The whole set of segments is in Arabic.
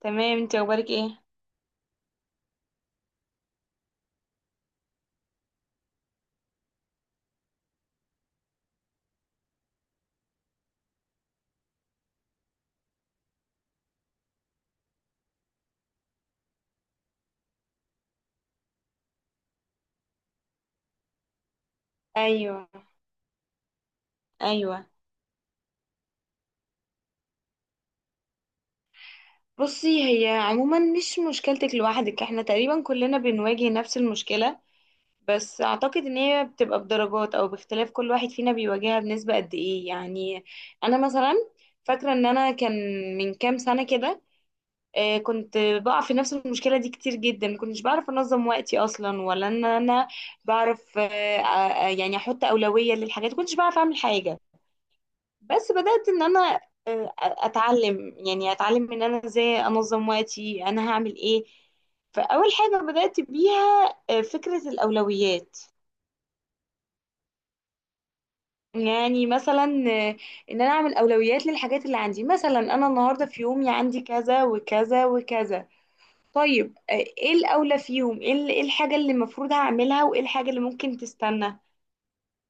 تمام، انت اخبارك ايه؟ ايوه، ايوه. بصي، هي عموما مش مشكلتك لوحدك، احنا تقريبا كلنا بنواجه نفس المشكلة. بس اعتقد ان هي بتبقى بدرجات، او باختلاف كل واحد فينا بيواجهها بنسبة قد ايه، يعني. انا مثلا فاكرة ان انا كان من كام سنة كده، كنت بقع في نفس المشكلة دي كتير جدا. مكنتش بعرف انظم وقتي اصلا، ولا ان انا بعرف. يعني احط اولوية للحاجات، مكنتش بعرف اعمل حاجة. بس بدأت ان انا اتعلم ان انا ازاي انظم وقتي، انا هعمل ايه. فاول حاجة بدأت بيها فكرة الاولويات. يعني مثلا آه، ان انا اعمل اولويات للحاجات اللي عندي. مثلا انا النهاردة في يومي عندي كذا وكذا وكذا. طيب، ايه الاولى فيهم، إيه الحاجة اللي المفروض هعملها، وايه الحاجة اللي ممكن تستنى،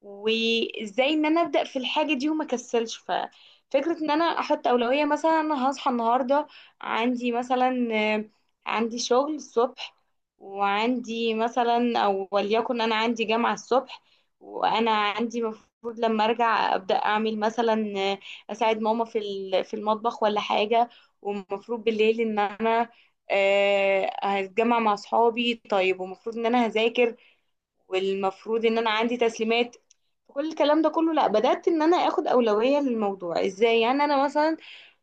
وازاي ان انا ابدا في الحاجه دي وما كسلش. ففكره ان انا احط اولويه، مثلا انا هصحى النهارده عندي مثلا، آه، عندي شغل الصبح، وعندي مثلا او وليكن انا عندي جامعه الصبح. وانا عندي مفروض لما ارجع ابدا اعمل مثلا اساعد ماما في المطبخ ولا حاجه. ومفروض بالليل ان انا هتجمع مع صحابي، طيب، ومفروض ان انا هذاكر، والمفروض ان انا عندي تسليمات. كل الكلام ده كله، لا بدأت ان انا اخد اولوية للموضوع. ازاي؟ يعني انا مثلا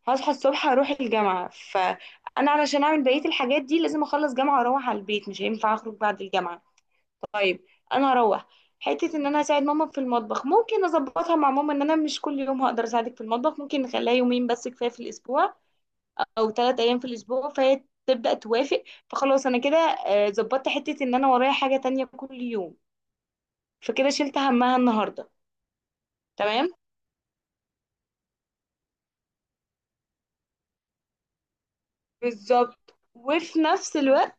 هصحى الصبح اروح الجامعة، فانا علشان اعمل بقية الحاجات دي لازم اخلص جامعة واروح على البيت، مش هينفع اخرج بعد الجامعة. طيب، انا هروح حتة ان انا اساعد ماما في المطبخ، ممكن اظبطها مع ماما ان انا مش كل يوم هقدر اساعدك في المطبخ، ممكن نخليها يومين بس كفاية في الاسبوع، او 3 ايام في الاسبوع، فهي تبدأ توافق. فخلاص انا كده ظبطت حتة ان انا ورايا حاجة تانية كل يوم، فكده شلت همها النهارده. تمام. بالظبط. وفي نفس الوقت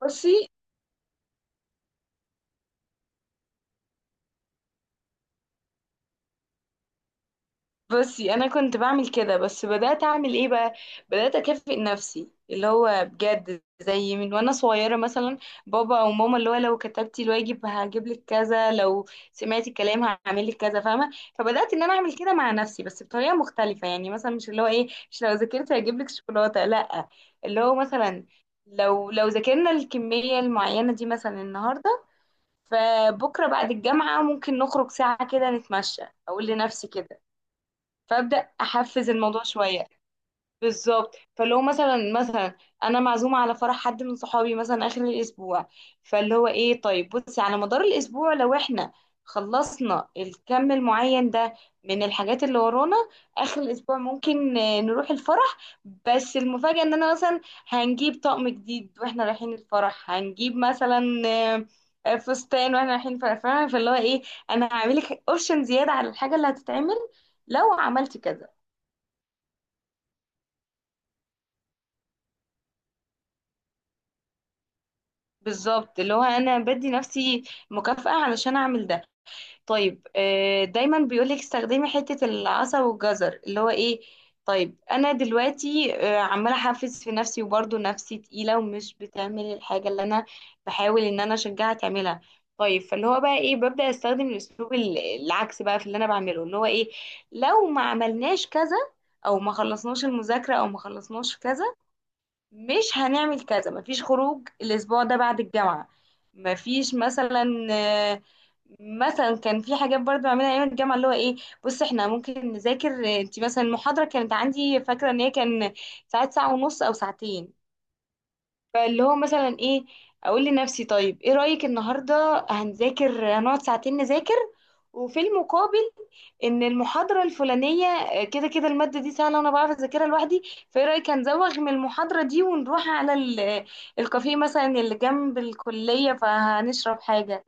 بصي، بصي، انا كنت بعمل كده، بس بدات اعمل ايه بقى؟ بدات اكافئ نفسي، اللي هو بجد زي من وانا صغيره مثلا بابا او ماما، اللي هو لو كتبتي الواجب هجيب لك كذا، لو سمعتي الكلام هعمل لك كذا، فاهمه؟ فبدات ان انا اعمل كده مع نفسي، بس بطريقه مختلفه. يعني مثلا، مش اللي هو ايه، مش لو ذاكرت هجيب لك شوكولاته، لا. اللي هو مثلا لو ذاكرنا الكميه المعينه دي مثلا النهارده، فبكرة بعد الجامعة ممكن نخرج ساعة كده نتمشى. أقول لنفسي كده، فأبدأ أحفز الموضوع شوية. بالظبط. فاللي هو مثلا انا معزومه على فرح حد من صحابي مثلا اخر الاسبوع. فاللي هو ايه، طيب بصي على مدار الاسبوع لو احنا خلصنا الكم المعين ده من الحاجات اللي ورانا، اخر الاسبوع ممكن نروح الفرح. بس المفاجاه ان انا مثلا هنجيب طقم جديد واحنا رايحين الفرح، هنجيب مثلا آه، فستان واحنا رايحين الفرح، فاهمة؟ فاللي هو ايه، انا هعملك اوبشن زياده على الحاجه اللي هتتعمل لو عملت كذا. بالظبط. اللي هو انا بدي نفسي مكافأة علشان اعمل ده. طيب، دايما بيقولك استخدمي حتة العصا والجزر، اللي هو ايه، طيب انا دلوقتي عمالة احفز في نفسي وبرضه نفسي تقيلة ومش بتعمل الحاجة اللي انا بحاول ان انا اشجعها تعملها. طيب فاللي هو بقى ايه، ببدأ استخدم الاسلوب العكس بقى في اللي انا بعمله، اللي هو ايه، لو ما عملناش كذا، او ما خلصناش المذاكرة، او ما خلصناش كذا، مش هنعمل كذا. مفيش خروج الاسبوع ده بعد الجامعة، مفيش آه، مثلا كان في حاجات برضه بعملها ايام الجامعه، اللي هو ايه، بص احنا ممكن نذاكر انت مثلا المحاضره، كانت عندي فاكره ان هي كان ساعات ساعه ونص او ساعتين. فاللي هو مثلا ايه، اقول لنفسي طيب ايه رأيك النهارده هنذاكر، هنقعد ساعتين نذاكر. وفي المقابل ان المحاضرة الفلانية، كده كده المادة دي سهلة وانا بعرف اذاكرها لوحدي، فايه رأيك هنزوغ من المحاضرة دي ونروح على الكافيه مثلا اللي جنب الكلية، فهنشرب حاجة.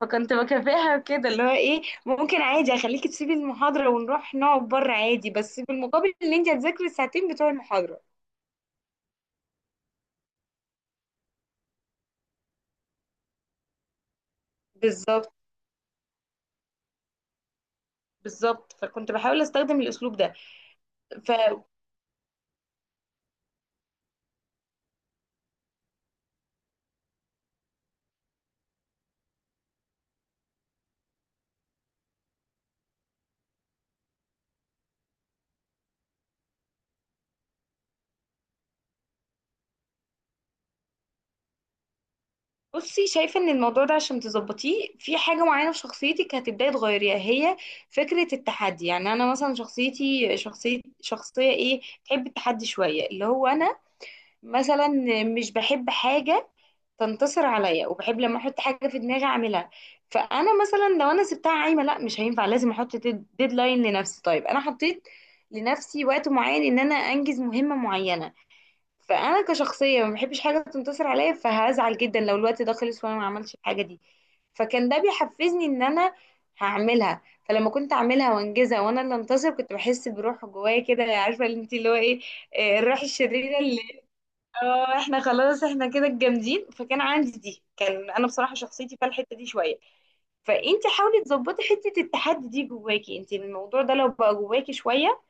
فكنت بكافئها كده، اللي هو ايه، ممكن عادي اخليكي تسيبي المحاضرة ونروح نقعد بره عادي، بس بالمقابل ان انت هتذاكري الساعتين بتوع المحاضرة. بالظبط، بالظبط. فكنت بحاول استخدم الاسلوب ده. فبصي، شايفه ان الموضوع ده عشان تظبطيه في حاجه معينه في شخصيتك هتبداي تغيريها، هي فكره التحدي. يعني انا مثلا شخصيتي شخصيه ايه، تحب التحدي شويه. اللي هو انا مثلا مش بحب حاجه تنتصر عليا، وبحب لما احط حاجه في دماغي اعملها. فانا مثلا لو انا سبتها عايمه لا مش هينفع، لازم احط ديدلاين لنفسي. طيب انا حطيت لنفسي وقت معين ان انا انجز مهمه معينه. فانا كشخصيه ما بحبش حاجه تنتصر عليا، فهزعل جدا لو الوقت ده خلص وانا ما عملتش الحاجه دي. فكان ده بيحفزني ان انا هعملها. فلما كنت اعملها وانجزها وانا اللي انتصر، كنت بحس بروح جوايا كده، عارفه اللي انت، اللي هو ايه، الروح الشريره اللي. اه، احنا خلاص احنا كده الجامدين. فكان عندي دي، كان انا بصراحه شخصيتي فيها الحته دي شويه. فانت حاولي تظبطي حته التحدي دي جواكي انت، الموضوع ده لو بقى جواكي شويه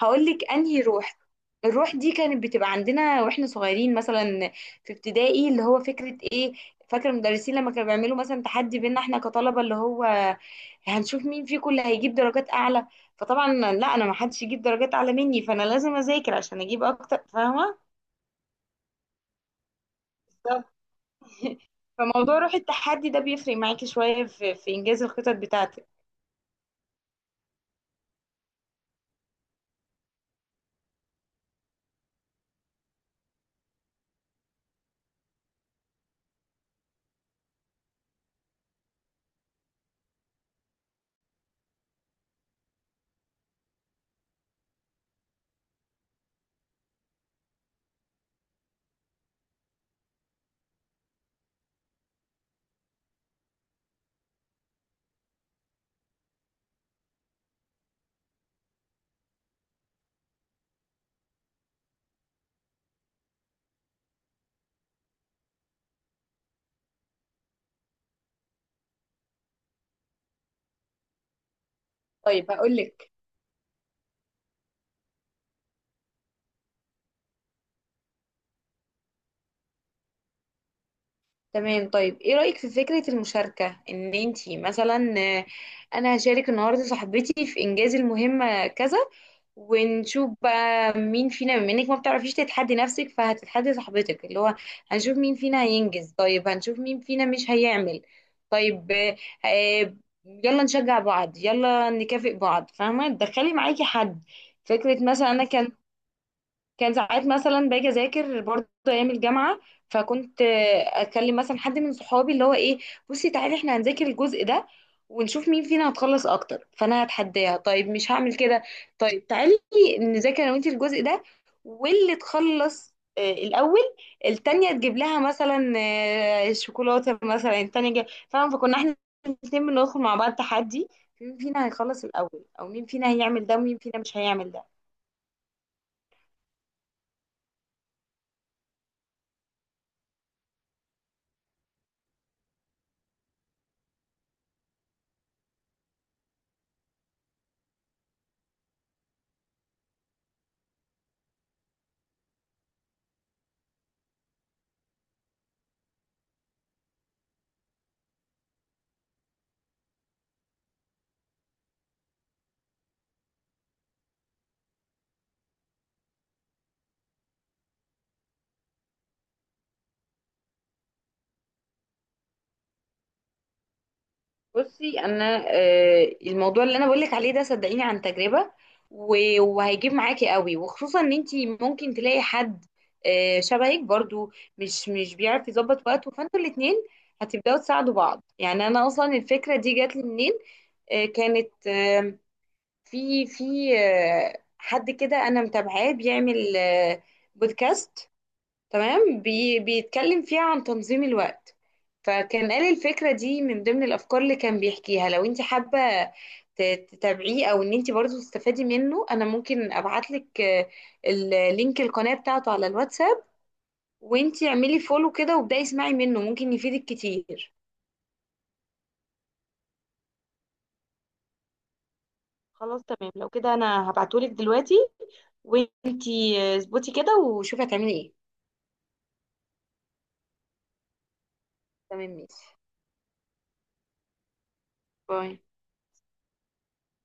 هقولك انهي روح. الروح دي كانت بتبقى عندنا واحنا صغيرين، مثلا في ابتدائي، اللي هو فكرة ايه، فاكر المدرسين لما كانوا بيعملوا مثلا تحدي بينا احنا كطلبة، اللي هو هنشوف مين فيكم اللي هيجيب درجات اعلى. فطبعا لا، انا ما حدش يجيب درجات اعلى مني، فانا لازم اذاكر عشان اجيب اكتر، فاهمة؟ بالظبط. فموضوع روح التحدي ده بيفرق معاكي شوية في انجاز الخطط بتاعتك. طيب هقولك. تمام. طيب ايه رأيك في فكرة المشاركة، ان انتي مثلا انا هشارك النهاردة صاحبتي في انجاز المهمة كذا، ونشوف بقى مين فينا. بما انك ما بتعرفيش تتحدي نفسك فهتتحدي صاحبتك، اللي هو هنشوف مين فينا هينجز، طيب هنشوف مين فينا مش هيعمل. طيب، آه، يلا نشجع بعض، يلا نكافئ بعض، فاهمة؟ تدخلي معاكي حد. فكرة مثلا انا كان ساعات مثلا باجي اذاكر برضه ايام الجامعه، فكنت اكلم مثلا حد من صحابي، اللي هو ايه، بصي تعالي احنا هنذاكر الجزء ده ونشوف مين فينا هتخلص اكتر، فانا هتحداها. طيب مش هعمل كده، طيب تعالي نذاكر انا وانتي الجزء ده، واللي تخلص الاول، التانية تجيب لها مثلا شوكولاته مثلا، التانية جاي، فاهمه؟ فكنا احنا الاثنين بندخل مع بعض تحدي، مين فينا هيخلص الاول، او مين فينا هيعمل ده ومين فينا مش هيعمل ده. بصي انا الموضوع اللي انا بقولك عليه ده صدقيني عن تجربة، و- وهيجيب معاكي قوي، وخصوصا ان انتي ممكن تلاقي حد شبهك برضو مش بيعرف يظبط وقته، فانتوا الاتنين هتبداوا تساعدوا بعض. يعني انا اصلا الفكرة دي جات لي منين؟ كانت في حد كده انا متابعاه بيعمل بودكاست. تمام. بيتكلم فيها عن تنظيم الوقت. فكان قال الفكرة دي من ضمن الأفكار اللي كان بيحكيها، لو انت حابة تتابعيه أو ان انت برضو تستفادي منه، أنا ممكن أبعتلك اللينك، القناة بتاعته على الواتساب، وانت اعملي فولو كده وابدأي اسمعي منه، ممكن يفيدك كتير. خلاص تمام، لو كده انا هبعتهولك دلوقتي، وانتي اظبطي كده وشوفي هتعملي ايه. تمام ماشي. باي.